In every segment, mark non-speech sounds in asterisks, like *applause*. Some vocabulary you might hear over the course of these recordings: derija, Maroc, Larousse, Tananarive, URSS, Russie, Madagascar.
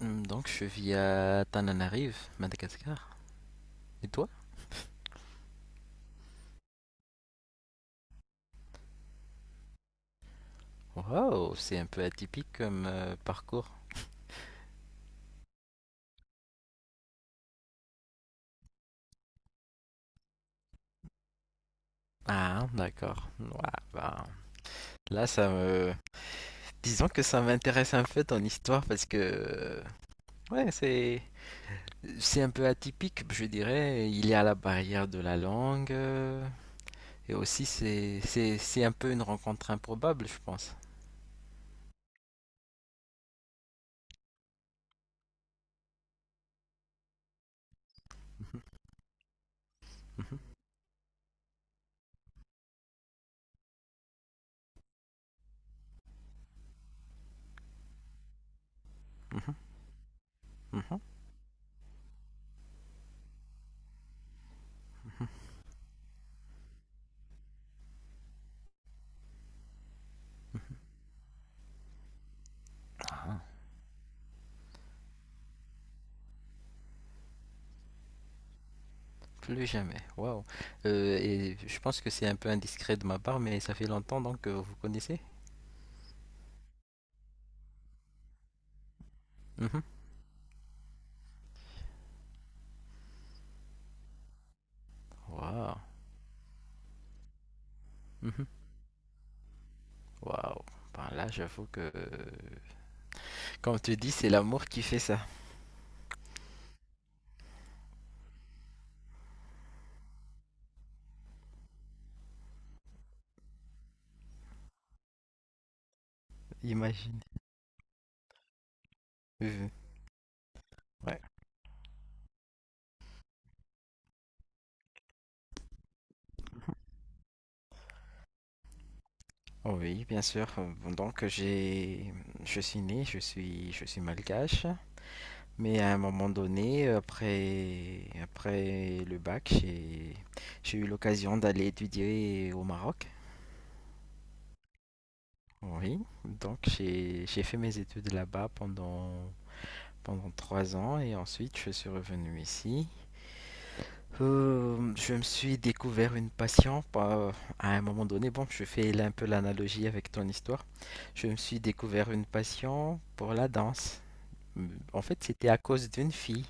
Donc je vis à Tananarive, Madagascar. Et toi? Wow, c'est un peu atypique comme parcours. Ah, d'accord. Ouais, bah, là, ça me... Disons que ça m'intéresse un peu ton histoire parce que. Ouais, c'est... C'est un peu atypique, je dirais. Il y a la barrière de la langue. Et aussi, c'est un peu une rencontre improbable, je pense. Mhm, mhm, mhm. Ah. Plus jamais. Waouh. Et je pense que c'est un peu indiscret de ma part, mais ça fait longtemps donc que vous connaissez? Mhm. Waouh. Mhm. Waouh. Ben là, j'avoue que comme tu dis, c'est l'amour qui fait ça. Imagine. Euh, ouais. Oh oui, bien sûr. Bon, je suis né, je suis malgache. Mais à un moment donné, après le bac, j'ai eu l'occasion d'aller étudier au Maroc. Oui, donc j'ai fait mes études là-bas pendant 3 ans et ensuite je suis revenu ici. Je me suis découvert une passion à un moment donné. Bon, je fais là un peu l'analogie avec ton histoire. Je me suis découvert une passion pour la danse. En fait, c'était à cause d'une fille.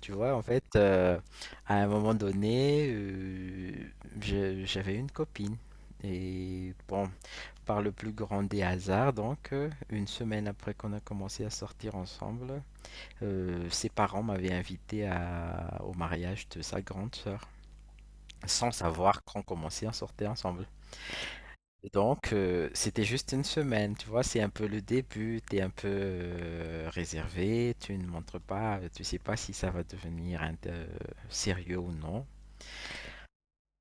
Tu vois, en fait, à un moment donné, j'avais une copine. Et bon, par le plus grand des hasards, donc, une semaine après qu'on a commencé à sortir ensemble, ses parents m'avaient invité au mariage de sa grande sœur, sans savoir qu'on commençait à sortir ensemble. Donc, c'était juste une semaine, tu vois, c'est un peu le début, t'es un peu réservé, tu ne montres pas, tu sais pas si ça va devenir sérieux ou non.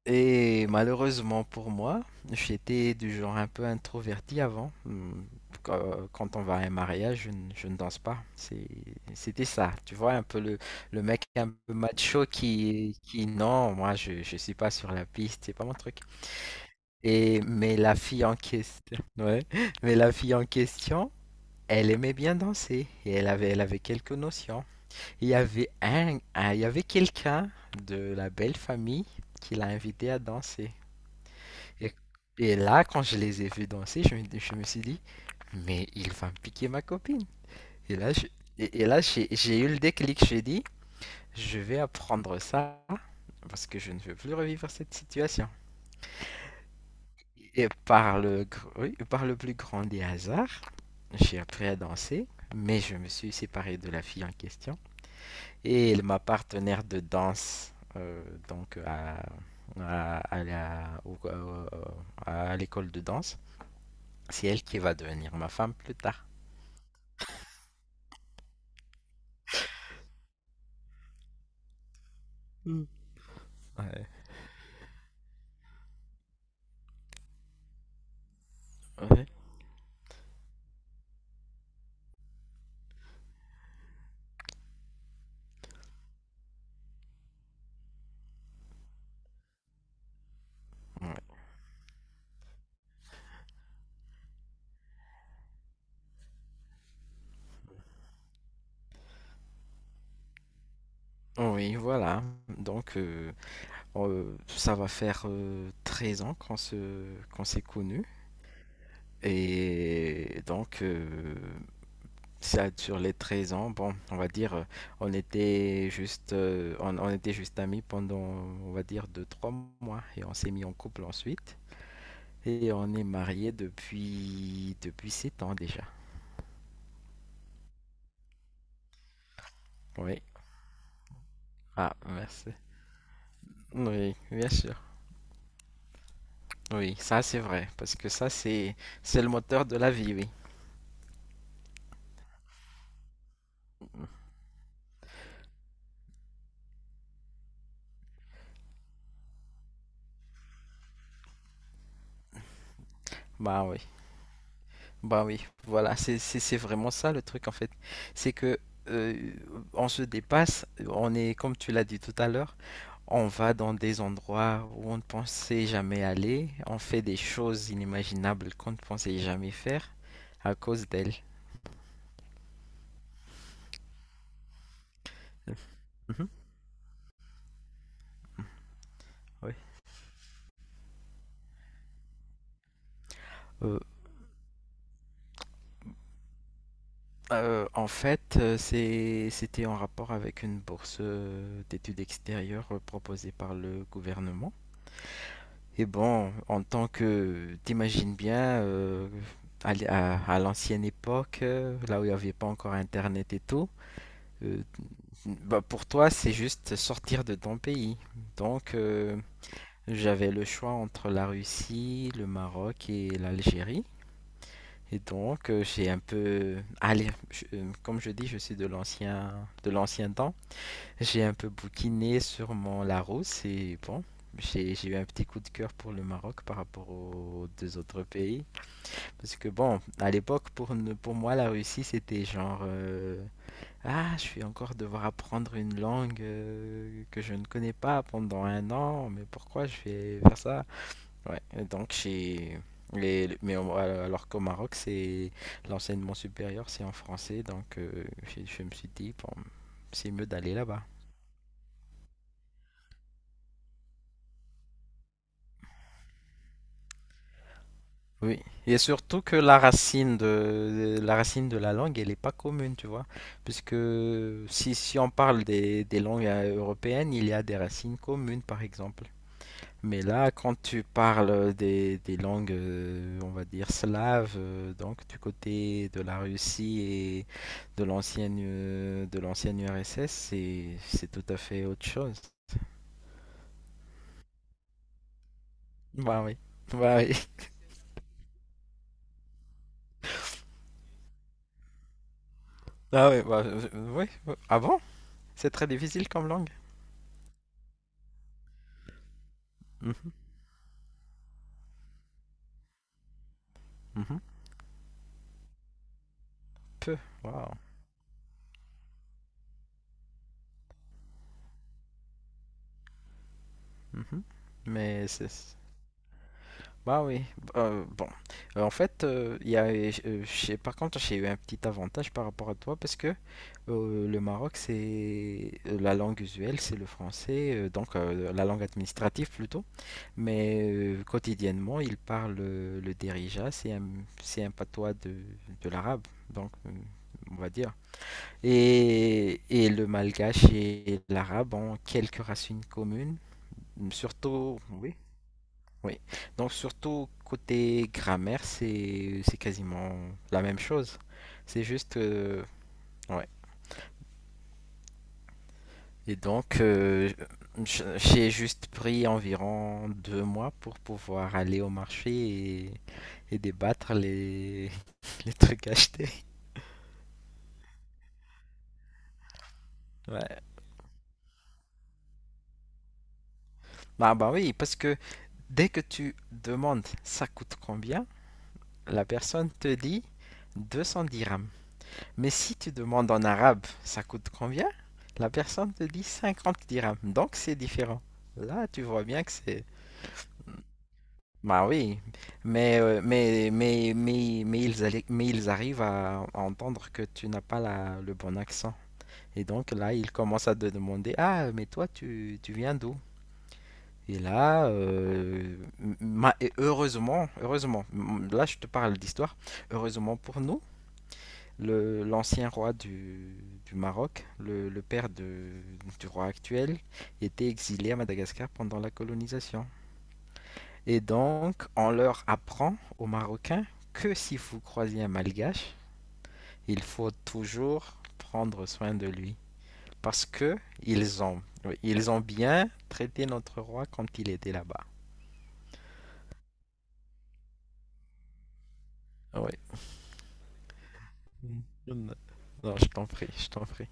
Et malheureusement pour moi, j'étais du genre un peu introverti avant. Quand on va à un mariage, je ne danse pas. C'était ça. Tu vois, un peu le mec un peu macho qui non, moi je ne suis pas sur la piste, c'est pas mon truc. Et, mais la fille en question, *laughs* ouais, mais la fille en question, elle aimait bien danser et elle avait quelques notions. Il y avait il y avait quelqu'un de la belle famille qui l'a invitée à danser. Et, et là, quand je les ai vus danser, je me suis dit, mais il va me piquer ma copine. Et là, et là j'ai eu le déclic, j'ai dit, je vais apprendre ça parce que je ne veux plus revivre cette situation. Et par oui, par le plus grand des hasards, j'ai appris à danser, mais je me suis séparé de la fille en question. Ma partenaire de danse, donc à la- au- au- à l'école de danse, c'est elle qui va devenir ma femme plus tard. Hmm. Ouais. Ouais. Ouais. Oui, voilà. Donc, ça va faire 13 ans qu'on s'est connus. Et donc, ça, sur les 13 ans, bon, on va dire, on était juste amis pendant, on va dire, 2 trois mois. Et on s'est mis en couple ensuite. Et on est mariés depuis 7 ans déjà. Oui. Ah, merci. Oui, bien sûr. Oui, ça c'est vrai, parce que ça c'est le moteur de la vie, oui. Bah oui, bah oui, voilà, c'est vraiment ça le truc en fait. C'est que euh, on se dépasse, on est comme tu l'as dit tout à l'heure, on va dans des endroits où on ne pensait jamais aller, on fait des choses inimaginables qu'on ne pensait jamais faire à cause d'elle. *laughs* Mhm, oui. En fait, c'était en rapport avec une bourse, d'études extérieures, proposée par le gouvernement et bon, en tant que t'imagines bien, à l'ancienne époque, là où il n'y avait pas encore internet et tout, heu, bah, pour toi, c'est juste sortir de ton pays. Donc j'avais le choix entre la Russie, le Maroc et l'Algérie. Et donc, j'ai un peu, allez, comme je dis, je suis de l'ancien temps. J'ai un peu bouquiné sur mon Larousse et bon, j'ai eu un petit coup de cœur pour le Maroc par rapport aux deux autres pays. Parce que bon, à l'époque, pour, ne- pour moi, la Russie, c'était genre, ah, je vais encore devoir apprendre une langue que je ne connais pas pendant un an, mais pourquoi je vais faire ça? Ouais, et donc chez les, mais au- alors qu'au Maroc, c'est l'enseignement supérieur, c'est en français, donc je me suis dit bon, c'est mieux d'aller là-bas. Oui, et surtout que la racine la racine de la langue, elle n'est pas commune, tu vois, puisque si on parle des langues européennes, il y a des racines communes, par exemple. Mais là, quand tu parles des langues, on va dire slaves, donc du côté de la Russie et de l'ancienne URSS, c'est tout à fait autre chose. Bah oui, bah oui, *laughs* ah oui, bah, oui. Oui. Ah bon? C'est très difficile comme langue. Mhm, mhm. Peu, waouh. Mhm. Mais c'est Bah oui, bon. En fait, il y a, j'ai- par contre, j'ai eu un petit avantage par rapport à toi parce que le Maroc, c'est la langue usuelle, c'est le français, donc la langue administrative plutôt. Mais quotidiennement, ils parlent le derija, c'est un patois de l'arabe, donc on va dire. Et le malgache et l'arabe ont quelques racines communes, surtout, oui. Oui. Donc surtout côté grammaire, c'est quasiment la même chose. C'est juste ouais. Et donc j'ai juste pris environ 2 mois pour pouvoir aller au marché et, et débattre les *laughs* les trucs achetés. Ouais. Bah oui, parce que dès que tu demandes ça coûte combien, la personne te dit 210 dirhams. Mais si tu demandes en arabe, ça coûte combien? La personne te dit 50 dirhams, donc c'est différent. Là, tu vois bien que c'est. Bah oui, mais, mais ils arrivent à entendre que tu n'as pas le bon accent. Et donc là, ils commencent à te demander, ah, mais toi, tu viens d'où? Et là, et heureusement, là je te parle d'histoire, heureusement pour nous, l'ancien roi du Maroc, le père du roi actuel, était exilé à Madagascar pendant la colonisation. Et donc, on leur apprend aux Marocains que si vous croisez un Malgache, il faut toujours prendre soin de lui. Parce que ils ont, oui, ils ont bien traité notre roi quand il était là-bas. Oui. Mm. Non, je t'en prie, je t'en prie.